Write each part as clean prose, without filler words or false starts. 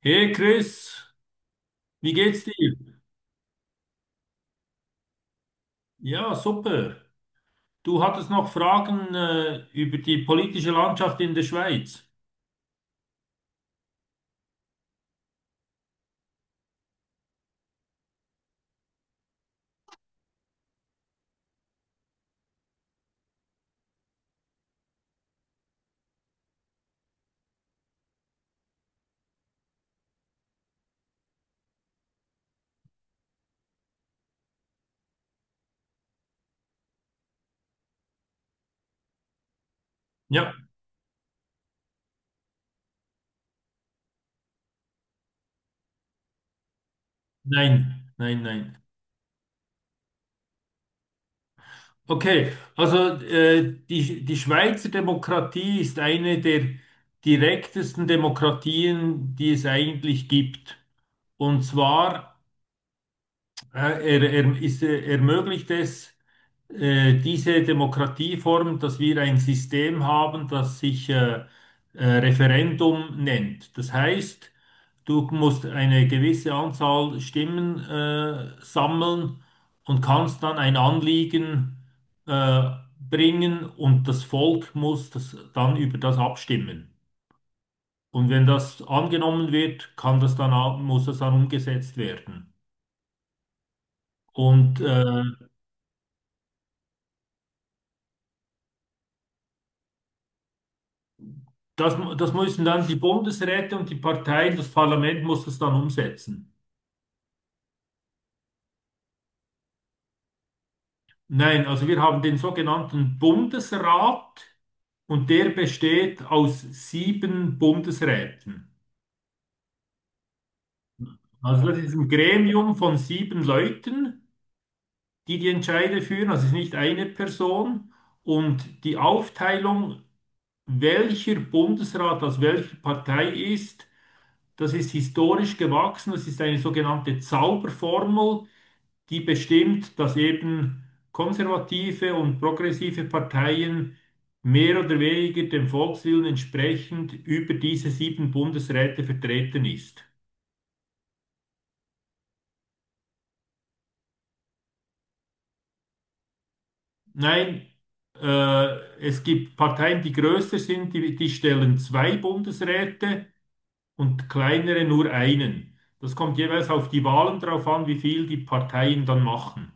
Hey Chris, wie geht's dir? Ja, super. Du hattest noch Fragen über die politische Landschaft in der Schweiz. Ja, nein, nein, nein. Okay, also die Schweizer Demokratie ist eine der direktesten Demokratien, die es eigentlich gibt. Und zwar ja, er ermöglicht es, diese Demokratieform, dass wir ein System haben, das sich Referendum nennt. Das heißt, du musst eine gewisse Anzahl Stimmen sammeln und kannst dann ein Anliegen äh, bringen und das Volk muss das dann über das abstimmen. Und wenn das angenommen wird, kann das dann, muss das dann umgesetzt werden. Und das müssen dann die Bundesräte und die Parteien, das Parlament muss das dann umsetzen. Nein, also wir haben den sogenannten Bundesrat und der besteht aus sieben Bundesräten. Also das ist ein Gremium von sieben Leuten, die die Entscheide führen, also es ist nicht eine Person. Und die Aufteilung, welcher Bundesrat aus welcher Partei ist, das ist historisch gewachsen, das ist eine sogenannte Zauberformel, die bestimmt, dass eben konservative und progressive Parteien mehr oder weniger dem Volkswillen entsprechend über diese sieben Bundesräte vertreten ist. Nein, es gibt Parteien, die größer sind, die stellen zwei Bundesräte und kleinere nur einen. Das kommt jeweils auf die Wahlen drauf an, wie viel die Parteien dann machen.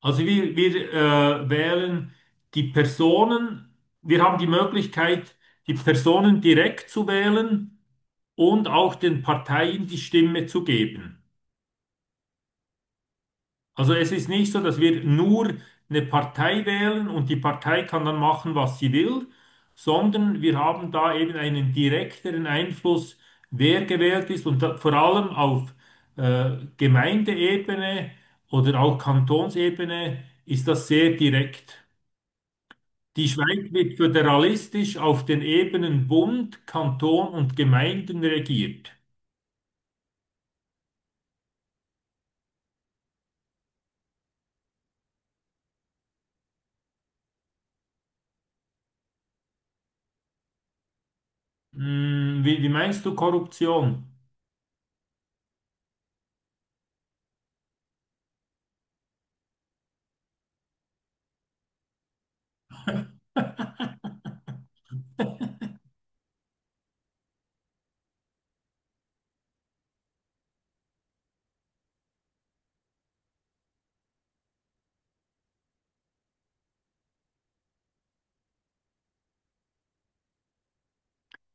Also wir wählen die Personen, wir haben die Möglichkeit, die Personen direkt zu wählen und auch den Parteien die Stimme zu geben. Also es ist nicht so, dass wir nur eine Partei wählen und die Partei kann dann machen, was sie will, sondern wir haben da eben einen direkteren Einfluss, wer gewählt ist und da, vor allem auf Gemeindeebene oder auch Kantonsebene ist das sehr direkt. Die Schweiz wird föderalistisch auf den Ebenen Bund, Kanton und Gemeinden regiert. Hm, wie meinst du Korruption?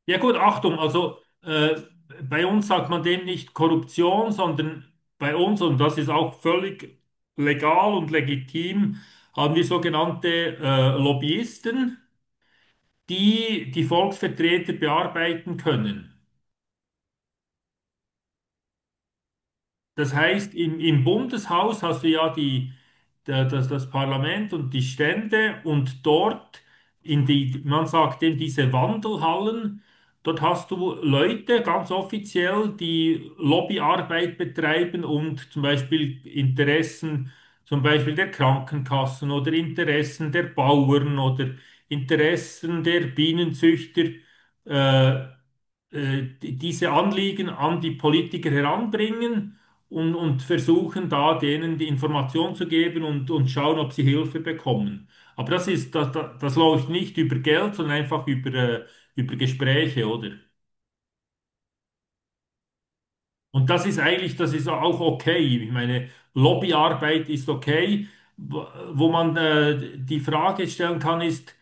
Ja gut, Achtung, also bei uns sagt man dem nicht Korruption, sondern bei uns, und das ist auch völlig legal und legitim, haben wir sogenannte Lobbyisten, die die Volksvertreter bearbeiten können. Das heißt, im Bundeshaus hast du ja das Parlament und die Stände und dort in die, man sagt eben diese Wandelhallen, dort hast du Leute ganz offiziell, die Lobbyarbeit betreiben und zum Beispiel Interessen, zum Beispiel der Krankenkassen oder Interessen der Bauern oder Interessen der Bienenzüchter äh, diese Anliegen an die Politiker heranbringen und, versuchen da denen die Information zu geben und schauen, ob sie Hilfe bekommen. Aber das ist, das, das, das läuft nicht über Geld, sondern einfach über Gespräche, oder? Und das ist eigentlich, das ist auch okay. Ich meine, Lobbyarbeit ist okay. Wo wo man die Frage stellen kann, ist,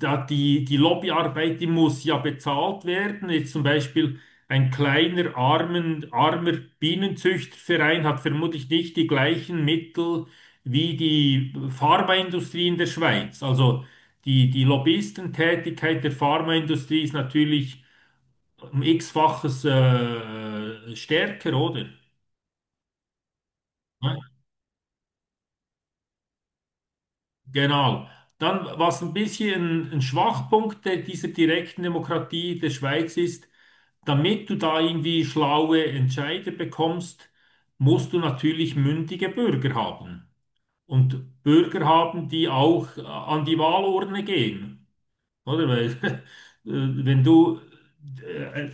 da die Lobbyarbeit, die muss ja bezahlt werden. Jetzt zum Beispiel ein kleiner, armen, armer Bienenzüchterverein hat vermutlich nicht die gleichen Mittel wie die Pharmaindustrie in der Schweiz. Also die Lobbyistentätigkeit der Pharmaindustrie ist natürlich um x-faches stärker, oder? Ne? Genau. Dann, was ein bisschen ein Schwachpunkt der, dieser direkten Demokratie der Schweiz ist, damit du da irgendwie schlaue Entscheider bekommst, musst du natürlich mündige Bürger haben. Und Bürger haben, die auch an die Wahlurne gehen. Oder? Weil, wenn du äh,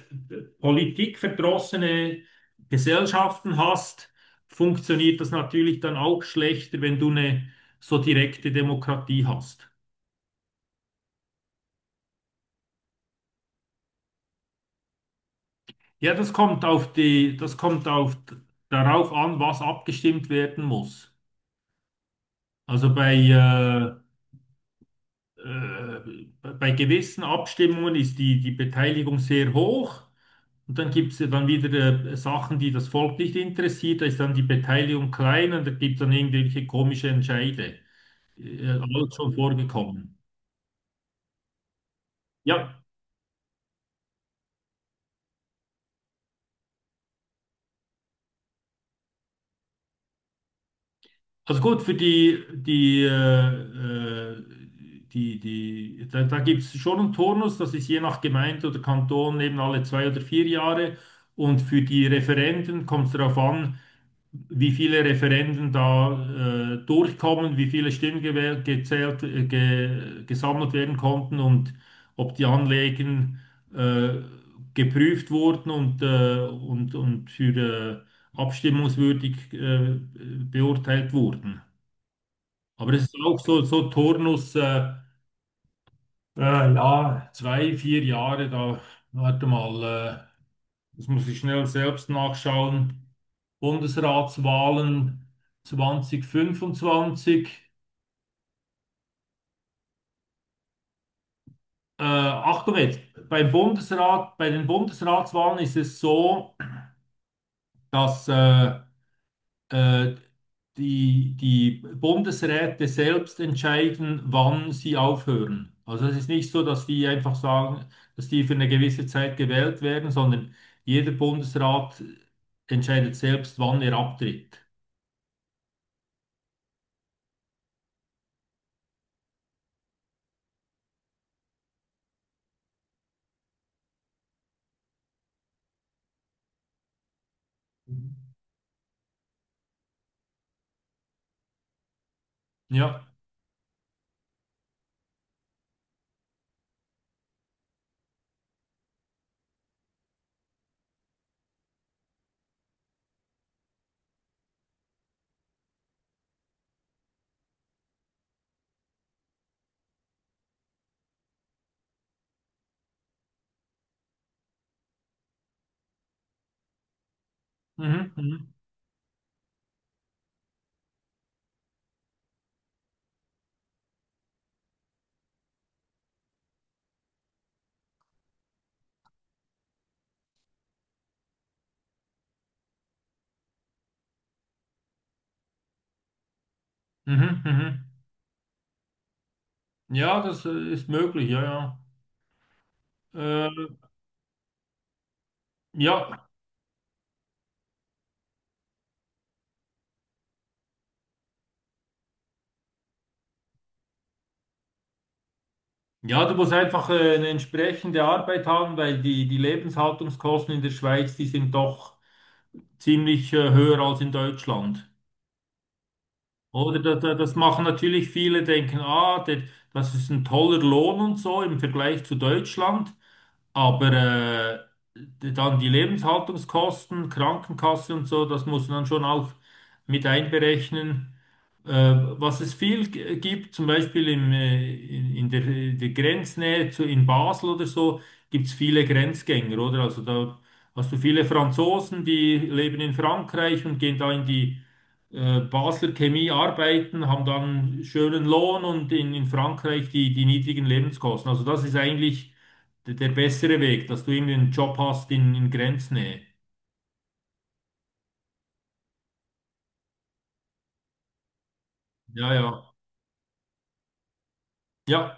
politikverdrossene Gesellschaften hast, funktioniert das natürlich dann auch schlechter, wenn du eine so direkte Demokratie hast. Ja, das kommt auf die, das kommt auf, darauf an, was abgestimmt werden muss. Also äh, bei gewissen Abstimmungen ist die Beteiligung sehr hoch und dann gibt es dann wieder Sachen, die das Volk nicht interessiert, da ist dann die Beteiligung klein und da gibt es dann irgendwelche komische Entscheide. Alles schon vorgekommen. Ja. Also gut, für die, die, äh, die, die, da gibt es schon einen Turnus, das ist je nach Gemeinde oder Kanton eben alle zwei oder vier Jahre. Und für die Referenden kommt es darauf an, wie viele Referenden da durchkommen, wie viele Stimmen gewählt, gezählt, gesammelt werden konnten und ob die Anliegen äh, geprüft wurden und für abstimmungswürdig beurteilt wurden. Aber es ist auch so, Turnus, ja, zwei, vier Jahre, warte mal, das muss ich schnell selbst nachschauen. Bundesratswahlen 2025. Achtung jetzt, beim Bundesrat, bei den Bundesratswahlen ist es so, dass äh, die Bundesräte selbst entscheiden, wann sie aufhören. Also es ist nicht so, dass die einfach sagen, dass die für eine gewisse Zeit gewählt werden, sondern jeder Bundesrat entscheidet selbst, wann er abtritt. Ja. Mhm, mhm, mhm, mhm. Ja, das ist möglich, ja, ja. Ja. Ja, du musst einfach eine entsprechende Arbeit haben, weil die Lebenshaltungskosten in der Schweiz, die sind doch ziemlich höher als in Deutschland. Oder das machen natürlich viele, denken, ah, das ist ein toller Lohn und so im Vergleich zu Deutschland. Aber dann die Lebenshaltungskosten, Krankenkasse und so, das muss man dann schon auch mit einberechnen. Äh, Was es viel gibt, zum Beispiel im, in der Grenznähe in Basel oder so, gibt es viele Grenzgänger, oder? Also da hast du viele Franzosen, die leben in Frankreich und gehen da in die Basler Chemie arbeiten, haben dann schönen Lohn und in Frankreich die niedrigen Lebenskosten. Also das ist eigentlich der bessere Weg, dass du eben einen Job hast in Grenznähe. Ja, ja. Ja,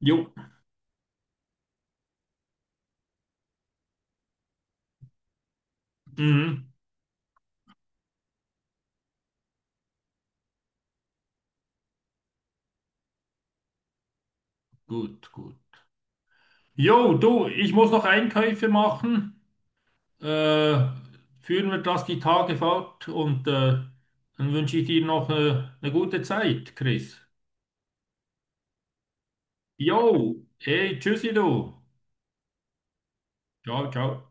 jo. Mhm. Gut, gut. Jo, du, ich muss noch Einkäufe machen. Äh, Führen wir das die Tage fort und dann wünsche ich dir noch eine gute Zeit, Chris. Jo, hey, tschüssi du. Ciao, ciao.